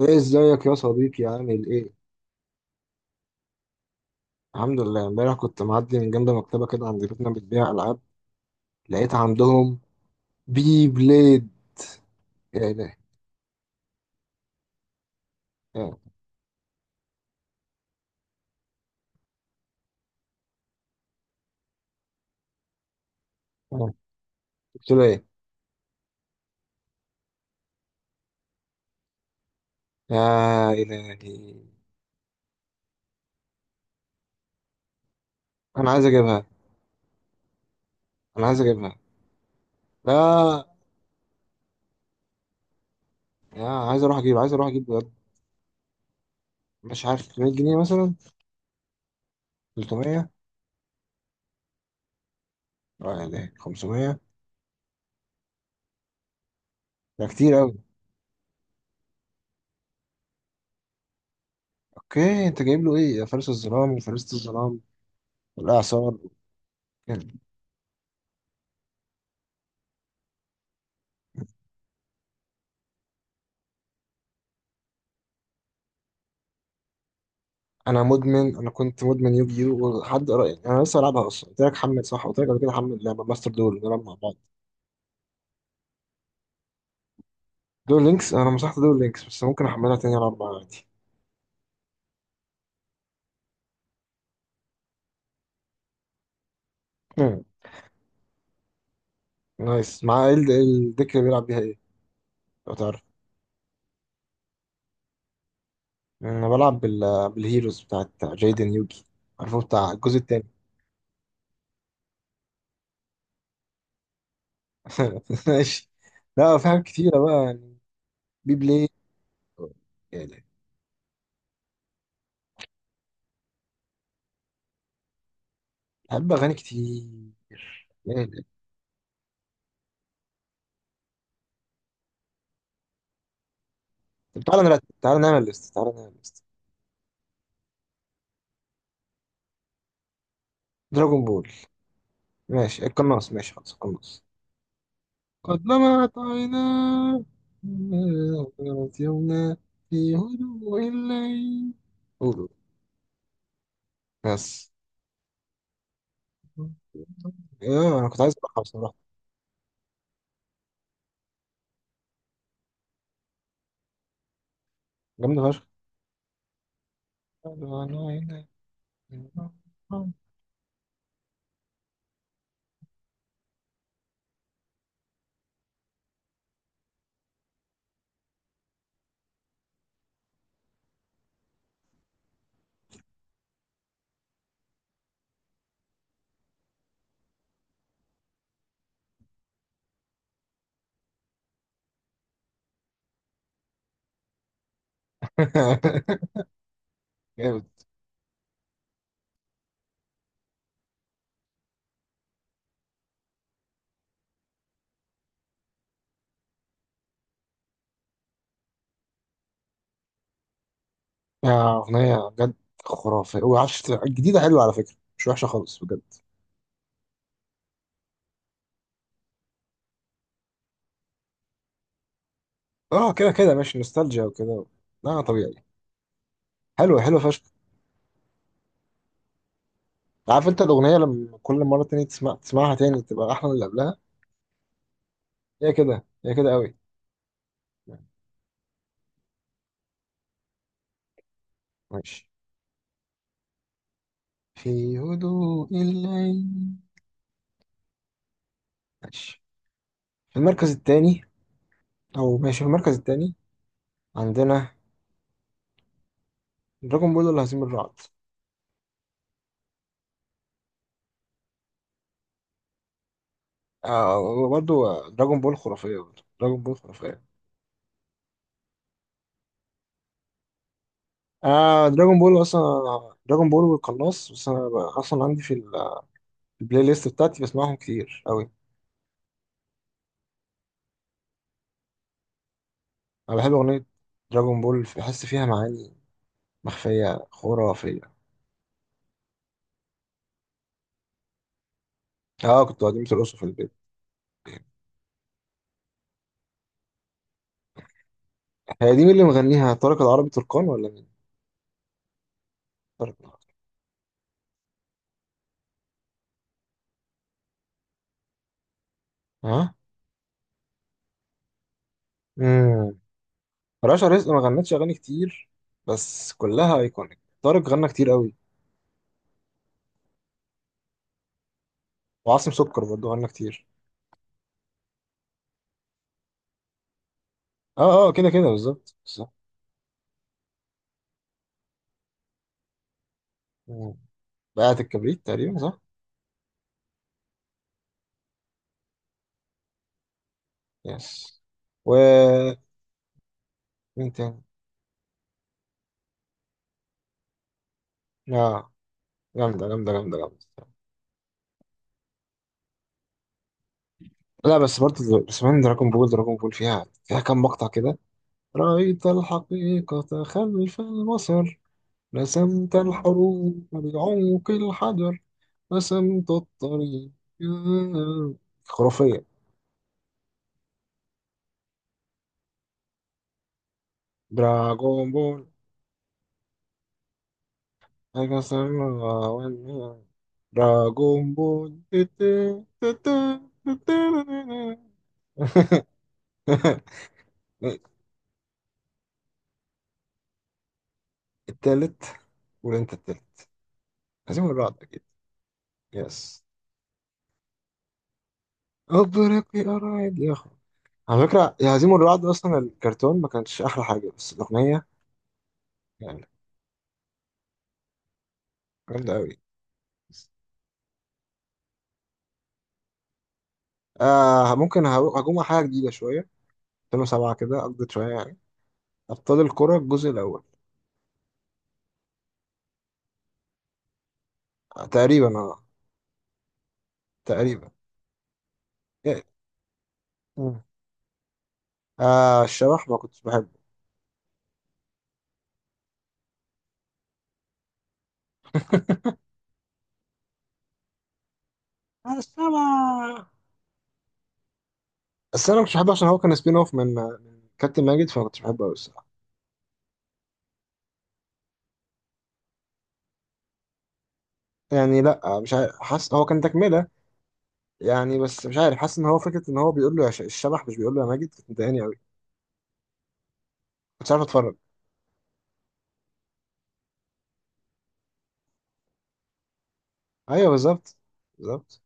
ايه، ازيك يا صديقي؟ عامل ايه؟ الحمد لله. امبارح كنت معدي من جنب مكتبه كده عند بيتنا بتبيع العاب، لقيت عندهم بي بليد. يا الهي. يا- يا- قلت له ايه؟ يا الهي، انا عايز اجيبها، انا عايز اجيبها. لا. يا، عايز اروح اجيب، عايز اروح اجيب بجد. مش عارف، 300 جنيه مثلا. 300. اه يا الهي، 500؟ ده كتير قوي. اوكي، انت جايب له ايه، يا فارس الظلام وفارسة الظلام والاعصار؟ انا كنت مدمن يوجيو، ولحد قريب انا لسه بلعبها اصلا. قلت لك حمل، صح؟ قلت لك قبل كده حمل لعبه ماستر دول، نلعب مع بعض. دول لينكس، انا مسحت دول لينكس، بس ممكن احملها تاني، العب معاها عادي. مم. نايس. مع الديك اللي بيلعب بيها ايه؟ لو تعرف. انا بلعب بالهيروز بتاعت جايدن يوجي، عارفه بتاع الجزء التاني. ماشي. لا في حاجات كتيره بقى يعني. بلاي. يا إلهي. بحب اغاني كتير. يا إلهي. طب تعالى نرتب، تعالى نعمل ليست، تعالى نعمل ليست. دراجون بول. ماشي القناص، ماشي خلاص القناص. قد لمعت عيناه، غيرت يومنا، في هدوء الليل. قولوا بس. ايه، انا كنت عايز اروحها بصراحة. جامدة فشخ. قد لمعت عيناه. جامد. يا أغنية بجد خرافية. وعشت الجديدة حلوة على فكرة، مش وحشة خالص بجد. اه، كده كده ماشي، نوستالجيا وكده. لا طبيعي. حلوة، حلوة فشخ. عارف انت الأغنية، لما كل مرة تاني تسمع، تسمعها تاني تبقى أحلى من اللي قبلها. هي كده، هي كده قوي. ماشي. في هدوء الليل. ماشي. في المركز الثاني، او ماشي في المركز الثاني عندنا دراجون بول ولا هزيم الرعد؟ آه، وبرضه دراجون بول خرافية، برضه دراجون بول خرافية. آه دراجون بول اصلا، دراجون بول والقناص. بس انا اصلا عندي في في البلاي ليست بتاعتي، بسمعهم كتير قوي. انا بحب اغنية دراجون بول، بحس فيها معاني مخفية خرافية. اه، كنت قديمة الأسر في البيت. هي دي مين اللي مغنيها، طارق العربي تركان ولا مين؟ طارق. ها. امم رشا رزق ما غنتش اغاني كتير، بس كلها ايكونيك. طارق غنى كتير قوي. وعاصم سكر برضه غنى كتير. اه، اه، كده كده، بالظبط بالظبط. مم. بقعة الكبريت تقريبا، صح؟ يس. و، مين تاني؟ اه، جامدة جامدة جامدة جامدة. لا بس برضه سمان دراجون بول. دراجون بول فيها كام مقطع كده. رأيت الحقيقة خلف المصر، رسمت الحروب بعمق الحجر، رسمت الطريق. خرافية. دراغون بول. أنا سامع. وأنا- دراغون بول. التالت، ولا أنت التالت؟ هزيم الرعد أكيد. يس. أبرك أراعد يا أخو. على فكرة، يا هزيم الرعد أصلا الكرتون ما كانش أحلى حاجة، بس الأغنية يعني جامدة أوي. آه، ممكن هجوم على حاجة جديدة شوية، 2007 كده أقضي شوية يعني. أبطال الكرة الجزء الأول. آه، تقريبا، اه. تقريبا. إيه. مم. آه الشبح ما كنتش بحبه. آه، السما. بس أنا مش بحبه، عشان هو كان سبين أوف من كابتن ماجد، فما كنتش بحبه أوي الصراحة. يعني لأ، مش عارف، حاسس هو كان تكملة يعني، بس مش عارف، حاسس إن هو فكرة إن هو بيقول له الشبح، مش بيقول له يا ماجد، كنت مضايقاني أوي. كنتش عارف أتفرج. أيوه، بالظبط، بالظبط.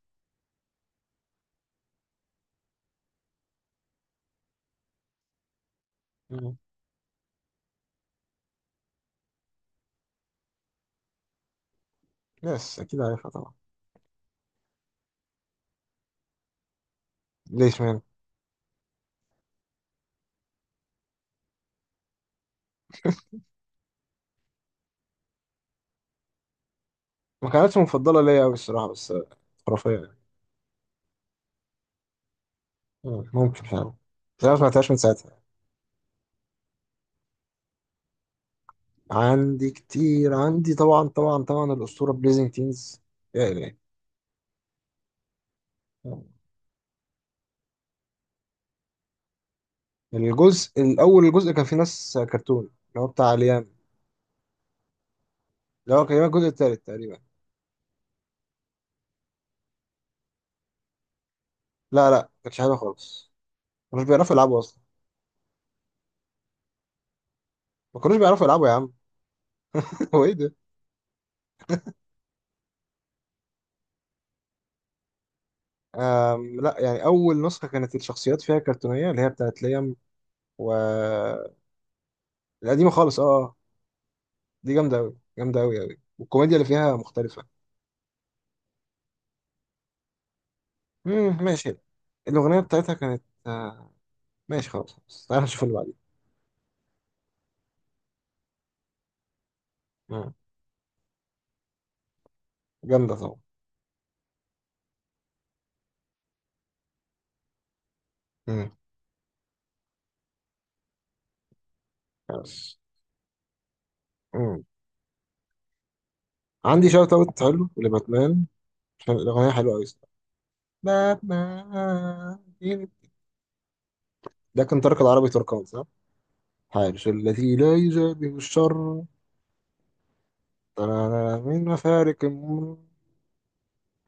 مم. يس، أكيد عارفها طبعا. ليش مان؟ ما كانتش مفضلة ليا أوي الصراحة، بس آه. خرافية يعني. مم. ممكن، مش عارف، بس أنا ما سمعتهاش من ساعتها. عندي كتير، عندي طبعا، طبعا، طبعا الأسطورة بليزنج تينز. يا إلهي. الجزء الأول، الجزء كان فيه ناس كرتون، اللي هو بتاع ليام، اللي هو كان الجزء التالت تقريبا. لا لا، كانش حلو خالص. ما كانوش بيعرفوا يلعبوا أصلا. ما كانوش بيعرفوا يلعبوا يا عم. هو إيه ده؟ لا يعني، أول نسخة كانت الشخصيات فيها كرتونية، اللي هي بتاعت ليام. و، القديمة خالص، أه، آه. دي جامدة أوي، جامدة أوي أوي، والكوميديا اللي فيها مختلفة. مم، ماشي. الأغنية بتاعتها كانت آه. ماشي خلاص، خلاص. تعالى نشوف اللي بعدين. جامدة طبعا. مم. بس. مم. عندي شوت اوت حلو لباتمان، عشان الأغنية حلوة أوي الصراحة. باتمان. ده كان ترك العربي تركان، صح؟ حارس التي لا يجابه الشر، ترانا من مفارق،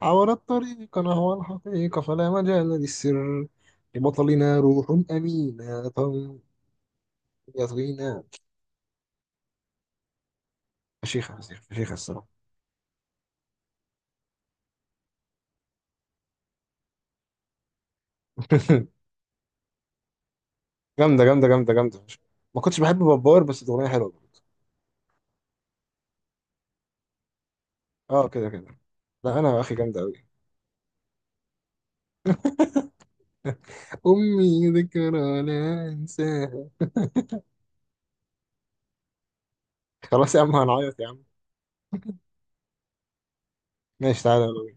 عبر الطريق نحو الحقيقة، فلا مجال للسر. لبطلنا روح أمينة، يطغينا. فشيخة، فشيخة، فشيخة الصراحة. جامدة، جامدة، جامدة، جامدة فشيخة. ما كنتش بحب بابار، بس الأغنية حلوة. اه، كده كده. لا انا واخي جامده قوي. امي ذكرى لا انساها. خلاص يا عم، هنعيط يا عم. ماشي، تعالى.